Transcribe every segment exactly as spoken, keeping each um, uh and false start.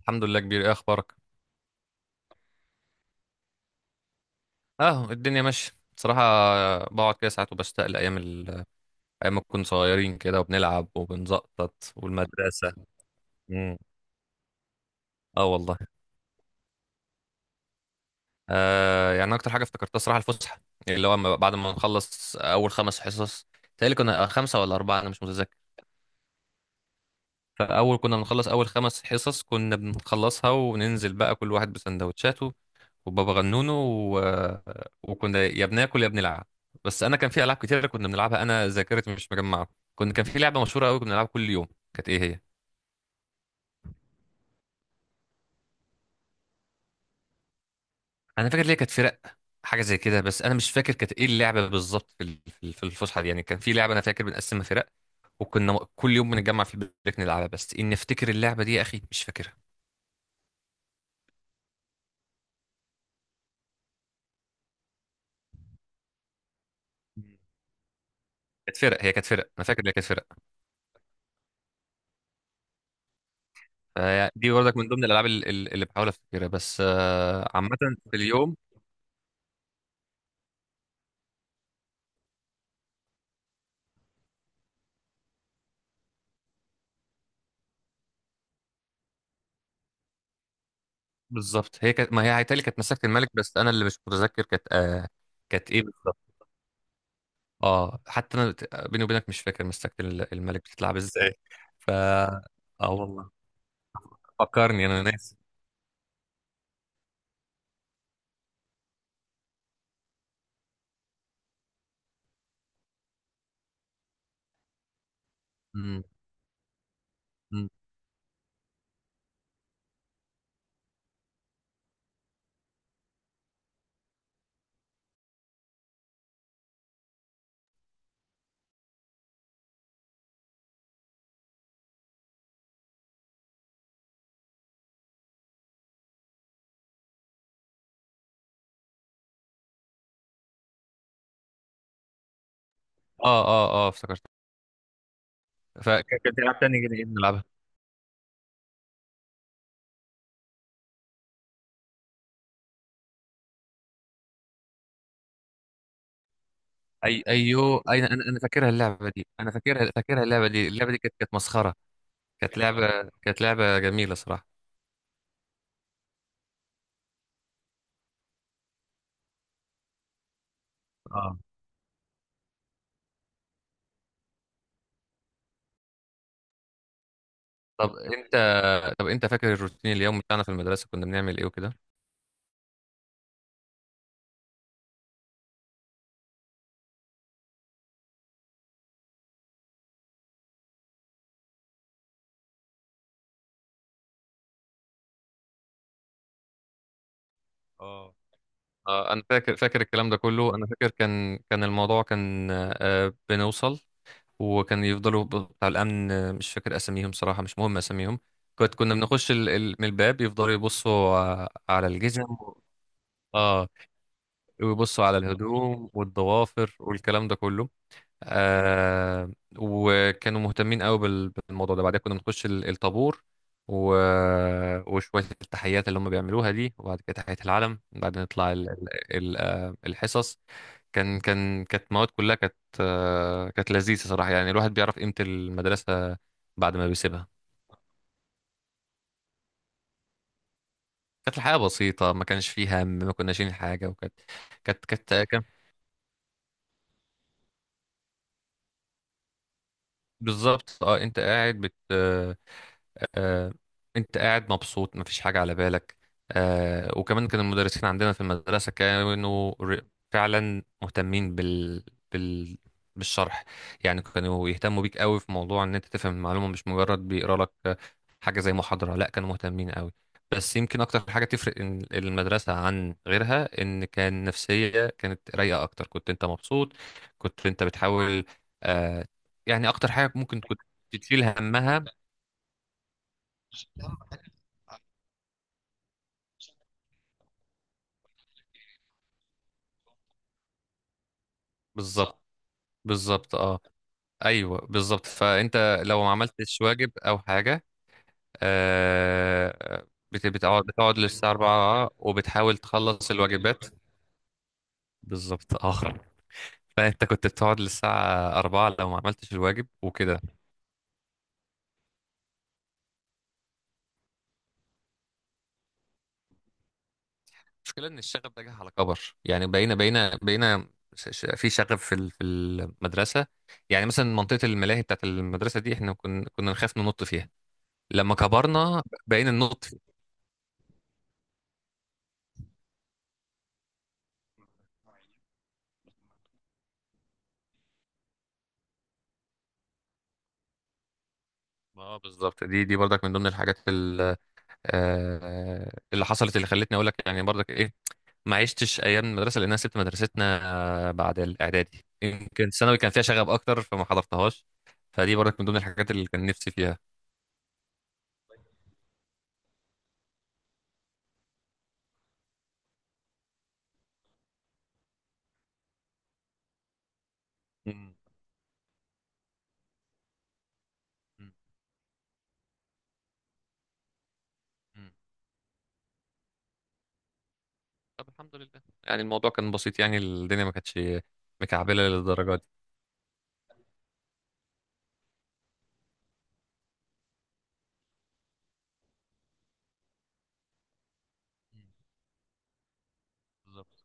الحمد لله، كبير. ايه اخبارك؟ اه، الدنيا ماشيه. بصراحه. بقعد كده ساعات وبشتاق لايام ال... ايام ما كنا صغيرين كده، وبنلعب وبنزقطط والمدرسه. مم. اه والله. آه، يعني اكتر حاجه افتكرتها صراحه الفسحه، اللي هو أما- بعد ما نخلص اول خمس حصص. تهيألي كنا آه، خمسه ولا اربعه، انا مش متذكر. فاول كنا بنخلص اول خمس حصص، كنا بنخلصها وننزل بقى كل واحد بسندوتشاته، وبابا غنونو و... وكنا يا بناكل يا بنلعب. بس انا كان في العاب كتيره كنا بنلعبها، انا ذاكرتي مش مجمعه. كنا كان في لعبه مشهوره قوي كنا بنلعبها كل يوم. كانت ايه هي؟ انا فاكر ليه كانت فرق، حاجه زي كده، بس انا مش فاكر كانت ايه اللعبه بالظبط في ال- في ال- في الفسحه دي. يعني كان في لعبه انا فاكر بنقسمها فرق، وكنا م- كل يوم بنتجمع في البريك نلعبها. بس اني افتكر اللعبه دي يا اخي مش فاكرها. كانت فرق، هي كانت فرق، انا فاكر ان هي كانت فرق. فدي برضك من ضمن الالعاب ال- ال- اللي بحاول افتكرها، بس آه، عامه في اليوم. بالظبط هي كانت، ما هي هيتهيألي كانت مساكة الملك، بس انا اللي مش متذكر كانت آه كانت ايه بالظبط؟ اه، حتى انا، بيني وبينك مش فاكر مساكة ال- الملك بتتلعب ازاي. ف اه والله، فكرني، انا ناسي. مم. مم. اه، اه، اه، افتكرت. فكانت لعبة تانية كده، ايه بنلعبها؟ اي، ايوه، اي، انا انا فاكرها اللعبة دي، انا فاكرها فاكرها، اللعبة دي اللعبة دي كانت كانت مسخرة. كانت لعبة كانت لعبة جميلة صراحة. اه. طب انت طب انت فاكر الروتين اليوم بتاعنا في المدرسة، كنا بنعمل ايه؟ وكده. آه، انا فاكر فاكر الكلام ده كله، انا فاكر كان كان الموضوع كان، آه، بنوصل. وكان يفضلوا ب- بتاع الامن، آه، مش فاكر اساميهم صراحه، مش مهم اساميهم. كنت كنا بنخش ال- ال- من الباب، يفضلوا يبصوا ع- على الجزم. اه. ويبصوا على الهدوم والضوافر والكلام ده كله. آه وكانوا مهتمين قوي بال- بالموضوع ده. بعدين كنا بنخش ال- الطابور. و... وشوية التحيات اللي هم بيعملوها دي، وبعد كده تحية العلم، بعدين نطلع ال... ال... ال- آه، الحصص. كان كان كانت مواد كلها كانت آه، كانت لذيذة صراحة، يعني الواحد بيعرف قيمة المدرسة بعد ما بيسيبها. كانت الحياة بسيطة، ما كانش فيها هم، ما كناش شايلين حاجة. وكانت كانت كانت كان بالظبط، اه، انت قاعد بت آه، انت قاعد مبسوط، مفيش حاجة على بالك. آه، وكمان كان المدرسين عندنا في المدرسة كانوا ر- فعلا مهتمين بال... بال... بالشرح. يعني كانوا يهتموا بيك قوي في موضوع ان انت تفهم المعلومة، مش مجرد بيقرا لك آه، حاجة زي محاضرة. لا، كانوا مهتمين قوي. بس يمكن اكتر حاجة تفرق إن المدرسة عن غيرها ان كان نفسية كانت رايقة اكتر، كنت انت مبسوط. كنت انت بتحاول آه، يعني اكتر حاجة ممكن كنت تشيل همها. بالظبط، بالظبط، اه. ايوه، بالظبط، فانت لو ما عملتش واجب او حاجه، آه بت- بتقعد بتقعد للساعه الرابعة وبتحاول تخلص الواجبات. بالظبط، اه. فانت كنت بتقعد للساعه الرابعة لو ما عملتش الواجب وكده. المشكله ان الشغف ده جه على كبر، يعني بقينا بقينا بقينا ش- ش- في شغف في ال- في المدرسه. يعني مثلا منطقه الملاهي بتاعت المدرسه دي، احنا كنا كنا نخاف ننط فيها، لما كبرنا بقينا ننط فيها. اه بالظبط، دي دي برضك من ضمن الحاجات ال- آه، اللي حصلت اللي خلتني اقول لك، يعني برضك ايه ما عشتش ايام المدرسه لان انا سبت مدرستنا آه، بعد الاعدادي. يمكن الثانوي كان فيها شغب اكتر فما حضرتهاش. فدي برضك من ضمن الحاجات اللي كان نفسي فيها. مم. مم. مم. طب الحمد لله، يعني الموضوع كان بسيط، يعني الدنيا ما كانتش مكعبله للدرجه دي. مم. بالظبط.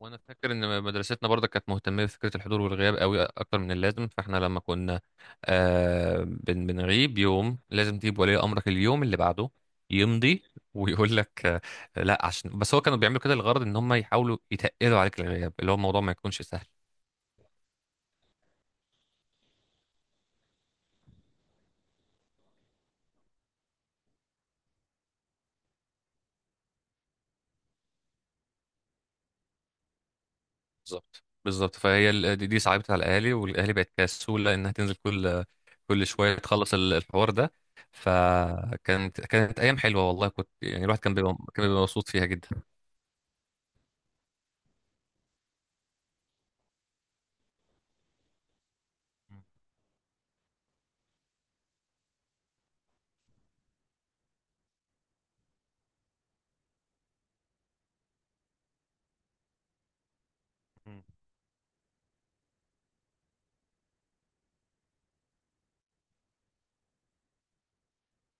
وانا فاكر ان مدرستنا برضه كانت مهتمه بفكره الحضور والغياب قوي اكتر من اللازم، فاحنا لما كنا آه بن بنغيب يوم لازم تجيب ولي امرك اليوم اللي بعده يمضي ويقول لك آه لا، عشان بس هو كانوا بيعملوا كده، الغرض ان هم يحاولوا يتقلوا عليك الغياب، اللي هو الموضوع ما يكونش سهل. بالظبط، بالظبط، فهي ال- دي دي صعبت على الاهالي، والاهالي بقت كسوله انها تنزل كل كل شويه تخلص ال- الحوار ده. فكانت كانت ايام حلوه والله. كنت يعني الواحد كان بيبقى كان بيبقى مبسوط فيها جدا.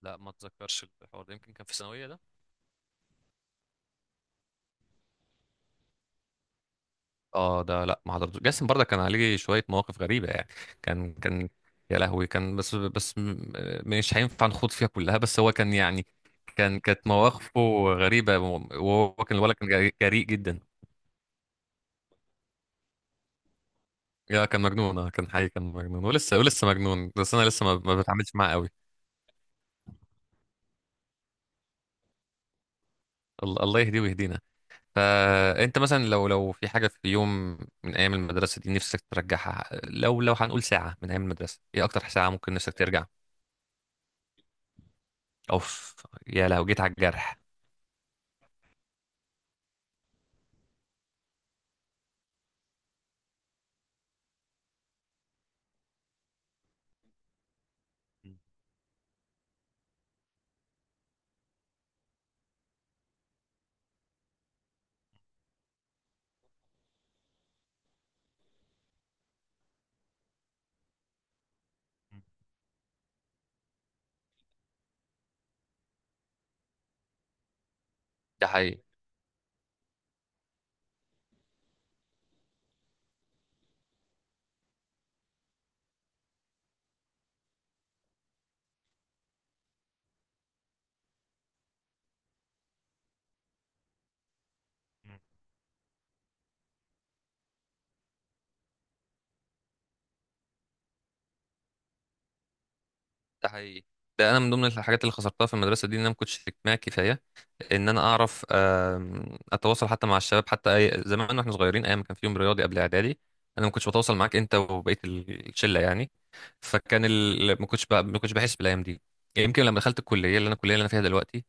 لا، ما اتذكرش الحوار ده، يمكن كان في ثانويه ده. اه ده لا، ما حضرتوش. جاسم برضه كان عليه شويه مواقف غريبه يعني. كان كان يا لهوي، كان بس بس م- مش هينفع نخوض فيها كلها. بس هو كان يعني كان كانت مواقفه غريبه، وهو كان الولد كان جريء جريء جدا. يا كان مجنون، اه، كان حقيقي كان مجنون ولسه ولسه مجنون. بس انا لسه ما ما بتعاملش معاه قوي. الله الله يهديه ويهدينا. فانت مثلا لو لو في حاجه في يوم من ايام المدرسه دي نفسك ترجعها، لو لو هنقول ساعه من ايام المدرسه، ايه اكتر ساعه ممكن نفسك ترجع؟ اوف، يا لو جيت على الجرح. ده حقيقي، ده حقيقي. ده انا من ضمن الحاجات اللي خسرتها في المدرسه دي ان انا ما كنتش اجتماعي كفايه، ان انا اعرف آم، اتواصل حتى مع الشباب، حتى أي... زمان واحنا صغيرين ايام ما كان فيهم رياضي قبل اعدادي. انا ما كنتش بتواصل معاك انت وبقيه ال- الشله يعني. فكان ال... ما كنتش ب... ما كنتش بحس بالايام دي. يمكن لما دخلت الكليه اللي انا الكليه اللي انا فيها دلوقتي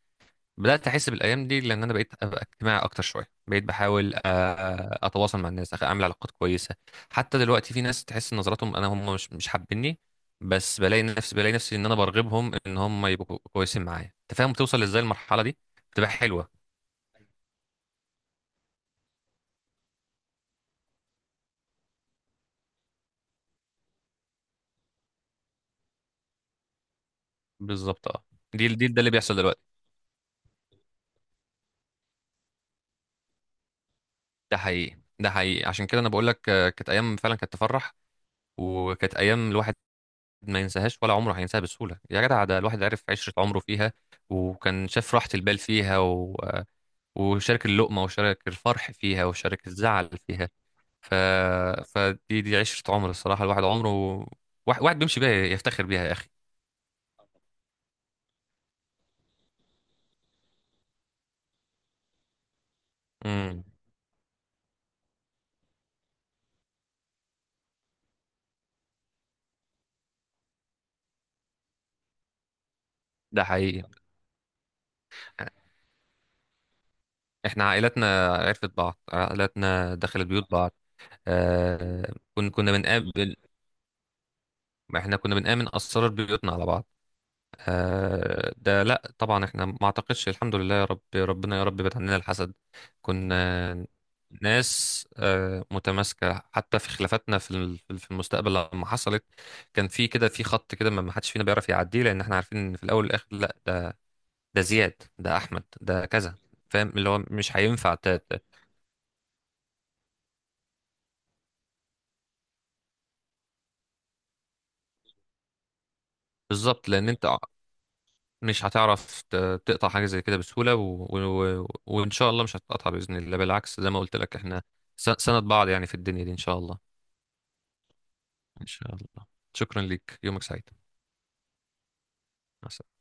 بدات احس بالايام دي، لان انا بقيت ابقى اجتماعي اكتر شويه، بقيت بحاول آ... اتواصل مع الناس، أخ- اعمل علاقات كويسه. حتى دلوقتي في ناس تحس ان نظراتهم انا هم مش مش حابيني، بس بلاقي نفسي بلاقي نفسي ان انا برغبهم ان هم يبقوا كويسين معايا. انت فاهم بتوصل ازاي؟ المرحله دي بتبقى حلوه. بالظبط اه، دي دي ده اللي بيحصل دلوقتي. ده حقيقي، ده حقيقي. عشان كده انا بقول لك، آه، كانت ايام فعلا كانت تفرح، وكانت ايام الواحد ما ينساهاش ولا عمره هينساها بسهوله، يا جدع ده الواحد عرف عشره عمره فيها، وكان شاف راحه البال فيها و... آه، وشارك اللقمه وشارك الفرح فيها وشارك الزعل فيها. ف... فدي دي عشره عمر الصراحه، الواحد عمره واحد, واحد بيمشي بيها يفتخر بيها يا اخي. امم. ده حقيقي. احنا عائلاتنا عرفت بعض، عائلاتنا دخلت بيوت بعض. آه كن كنا بنقابل. ما احنا كنا بنآمن أسرار بيوتنا على بعض. آه ده لا طبعا، احنا ما اعتقدش الحمد لله، يا رب ربنا يا رب بعد عننا الحسد. كنا ناس آه متماسكة حتى في خلافاتنا في ال- في المستقبل لما حصلت. كان في كده في خط كده ما ما حدش فينا بيعرف يعديه، لأن احنا عارفين ان في الأول والآخر لا، ده زياد، ده أحمد، ده كذا. فاهم اللي هو مش هينفع ت- ت- بالظبط، لأن انت مش هتعرف ت- تقطع حاجة زي كده بسهولة، و... و... وإن شاء الله مش هتقطع بإذن الله، بالعكس زي ما قلت لك إحنا س- سند بعض يعني في الدنيا دي إن شاء الله. إن شاء الله. شكرا ليك، يومك سعيد. مع السلامة.